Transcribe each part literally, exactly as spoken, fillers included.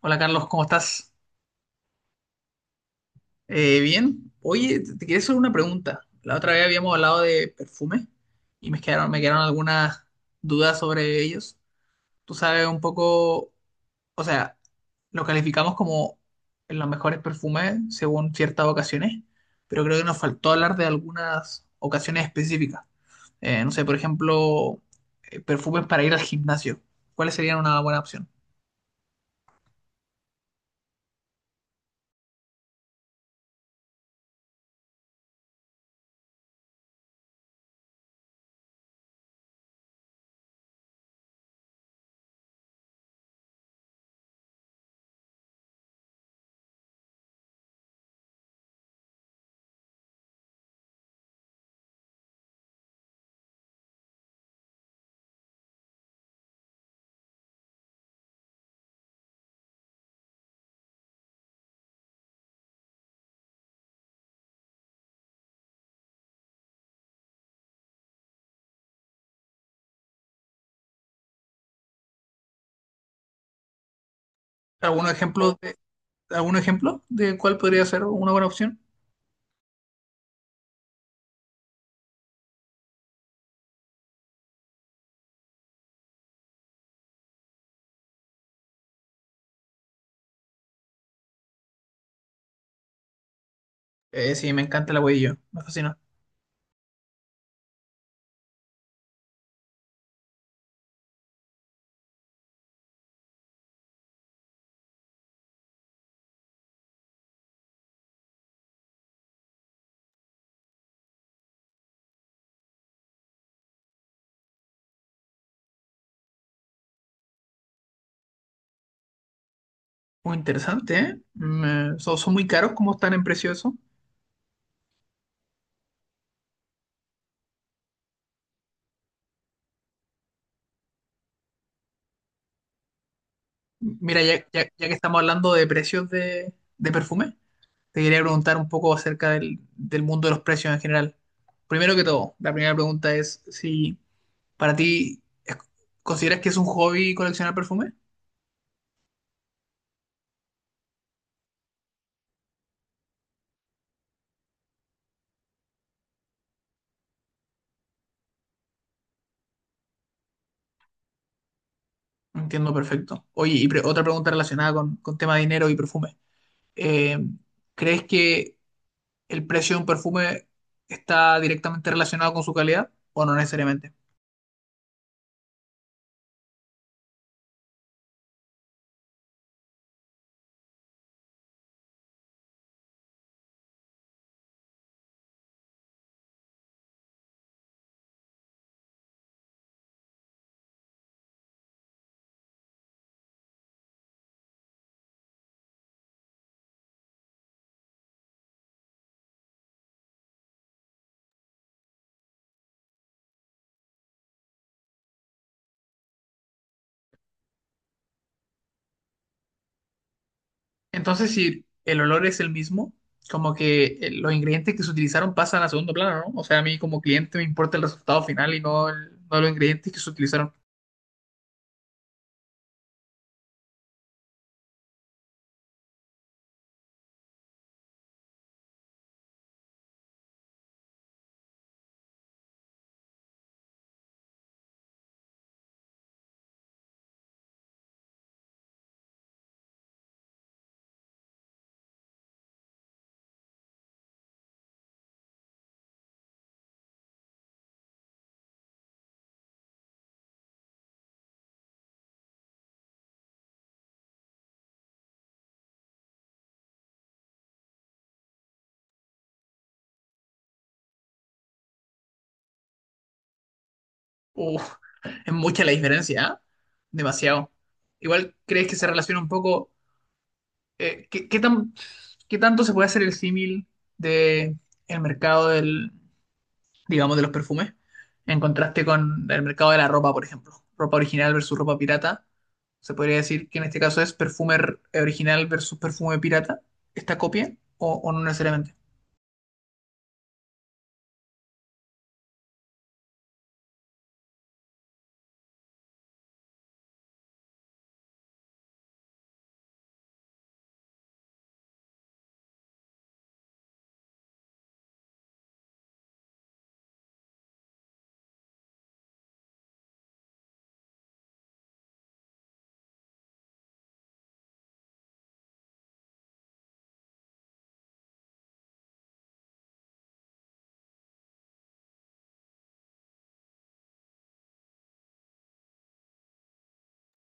Hola Carlos, ¿cómo estás? Eh, bien. Oye, te te quería hacer una pregunta. La otra vez habíamos hablado de perfume y me quedaron, me quedaron algunas dudas sobre ellos. Tú sabes un poco, o sea, lo calificamos como los mejores perfumes según ciertas ocasiones, pero creo que nos faltó hablar de algunas ocasiones específicas. Eh, no sé, por ejemplo, eh, perfumes para ir al gimnasio. ¿Cuáles serían una buena opción? ¿Algún ejemplo de, ¿Algún ejemplo de cuál podría ser una buena opción? Eh, sí, me encanta el huevillo, me fascina. Muy interesante, ¿eh? Me- son, son muy caros, ¿cómo están en precio eso? Mira, ya, ya- ya que estamos hablando de precios de, de perfume, te quería preguntar un poco acerca del, del mundo de los precios en general. Primero que todo, la primera pregunta es si para ti es- consideras que es un hobby coleccionar perfume. Entiendo perfecto. Oye, y pre- otra pregunta relacionada con, con tema de dinero y perfume. Eh, ¿Crees que el precio de un perfume está directamente relacionado con su calidad o no necesariamente? Entonces, si el olor es el mismo, como que eh, los ingredientes que se utilizaron pasan a segundo plano, ¿no? O sea, a mí como cliente me importa el resultado final y no, el- no los ingredientes que se utilizaron. Uf, es mucha la diferencia, ¿ah? Demasiado. Igual, ¿crees que se relaciona un poco? eh, qué, qué tan, qué tanto se puede hacer el símil de el mercado del, digamos, de los perfumes, en contraste con el mercado de la ropa, por ejemplo? Ropa original versus ropa pirata. Se podría decir que en este caso es perfume r- eh, original versus perfume pirata, esta copia, o, o no necesariamente.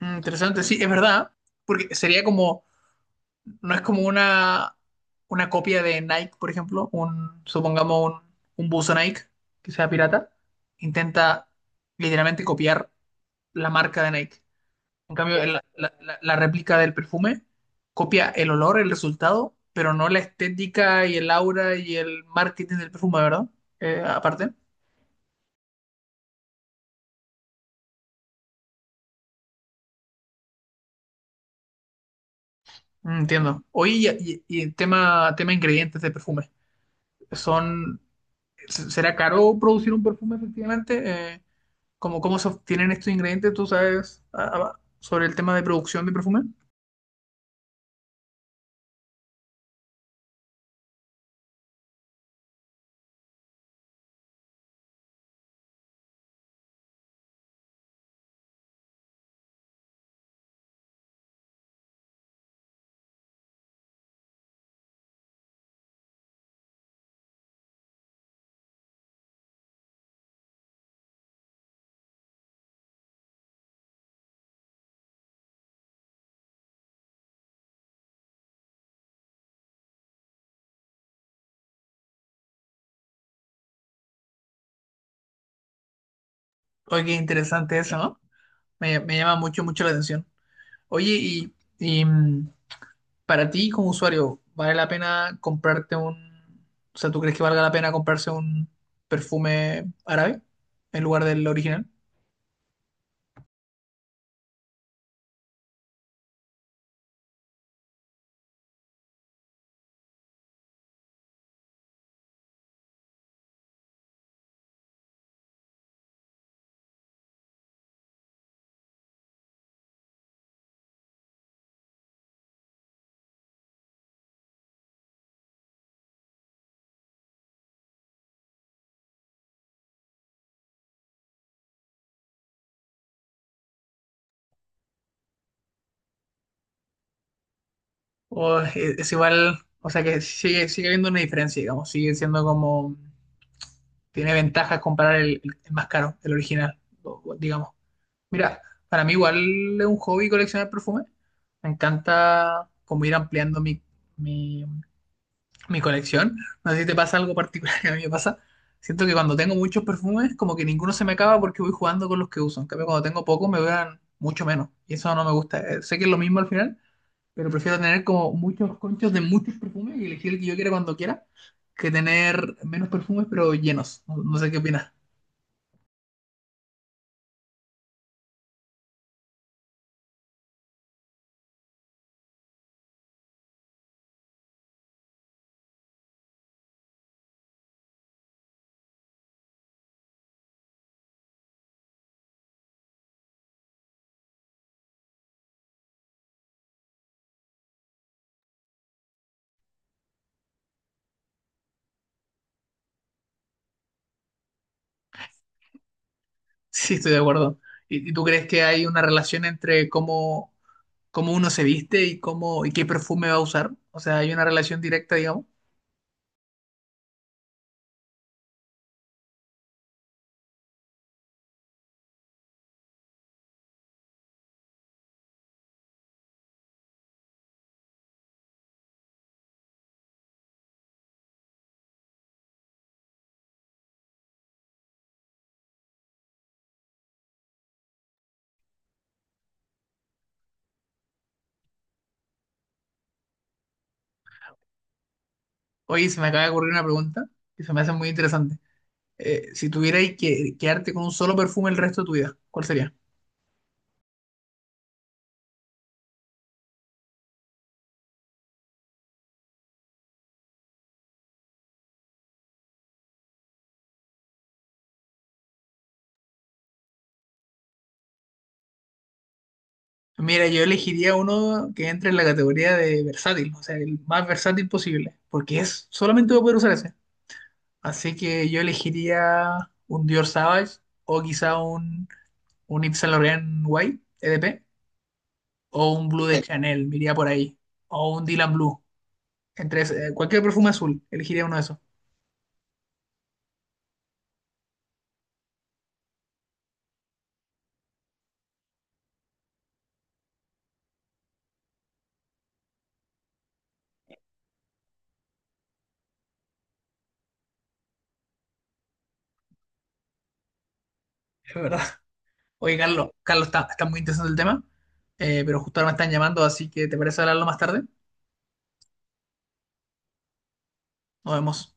Mm, interesante, sí, es verdad, porque sería como, no es como una, una copia de Nike, por ejemplo, un, supongamos un, un buzo Nike que sea pirata, intenta literalmente copiar la marca de Nike. En cambio, el- la, la- la réplica del perfume copia el olor, el resultado, pero no la estética y el aura y el marketing del perfume, ¿verdad? Eh, aparte. Mm, entiendo. Oye, y, y- y tema, tema ingredientes de perfume. Son, se- ¿será caro producir un perfume efectivamente? Eh, ¿cómo, cómo se obtienen estos ingredientes? ¿Tú sabes ah, ah, sobre el tema de producción de perfume? Oye, qué interesante eso, ¿no? Me, me llama mucho, mucho la atención. Oye, y, y, mm, para ti como usuario, ¿vale la pena comprarte un... O sea, ¿tú crees que valga la pena comprarse un perfume árabe en lugar del original? O es, es igual, o sea que sigue, sigue habiendo una diferencia, digamos, sigue siendo como... Tiene ventajas comparar el, el más caro, el original, o- o digamos. Mira, para mí igual es un hobby coleccionar perfumes. Me encanta como ir ampliando mi, mi mi colección. No sé si te pasa algo particular que a mí me pasa. Siento que cuando tengo muchos perfumes, como que ninguno se me acaba porque voy jugando con los que uso. En cambio, cuando tengo pocos, me duran mucho menos. Y eso no me gusta. Eh, Sé que es lo mismo al final, pero prefiero tener como muchos conchos de muchos perfumes y elegir el que yo quiera cuando quiera, que tener menos perfumes pero llenos. No, no sé qué opinas. Sí, estoy de acuerdo. ¿Y, y tú crees que hay una relación entre cómo, cómo uno se viste y cómo y qué perfume va a usar? O sea, hay una relación directa, digamos. Oye, se me acaba de ocurrir una pregunta que se me hace muy interesante. Eh, si tuvierais que quedarte con un solo perfume el resto de tu vida, ¿cuál sería? Mira, yo elegiría uno que entre en la categoría de versátil, o sea, el más versátil posible, porque es solamente voy a poder usar ese. Así que yo elegiría un Dior Sauvage o quizá un, un Yves Saint Laurent White E D P o un Blue de Eh, Chanel, me iría por ahí, o un Dylan Blue. Entre ese- eh, cualquier perfume azul, elegiría uno de esos, es verdad. Oye, Carlos, Carlos, está, está muy interesante el tema, eh, pero justo ahora me están llamando, así que ¿te parece hablarlo más tarde? Nos vemos.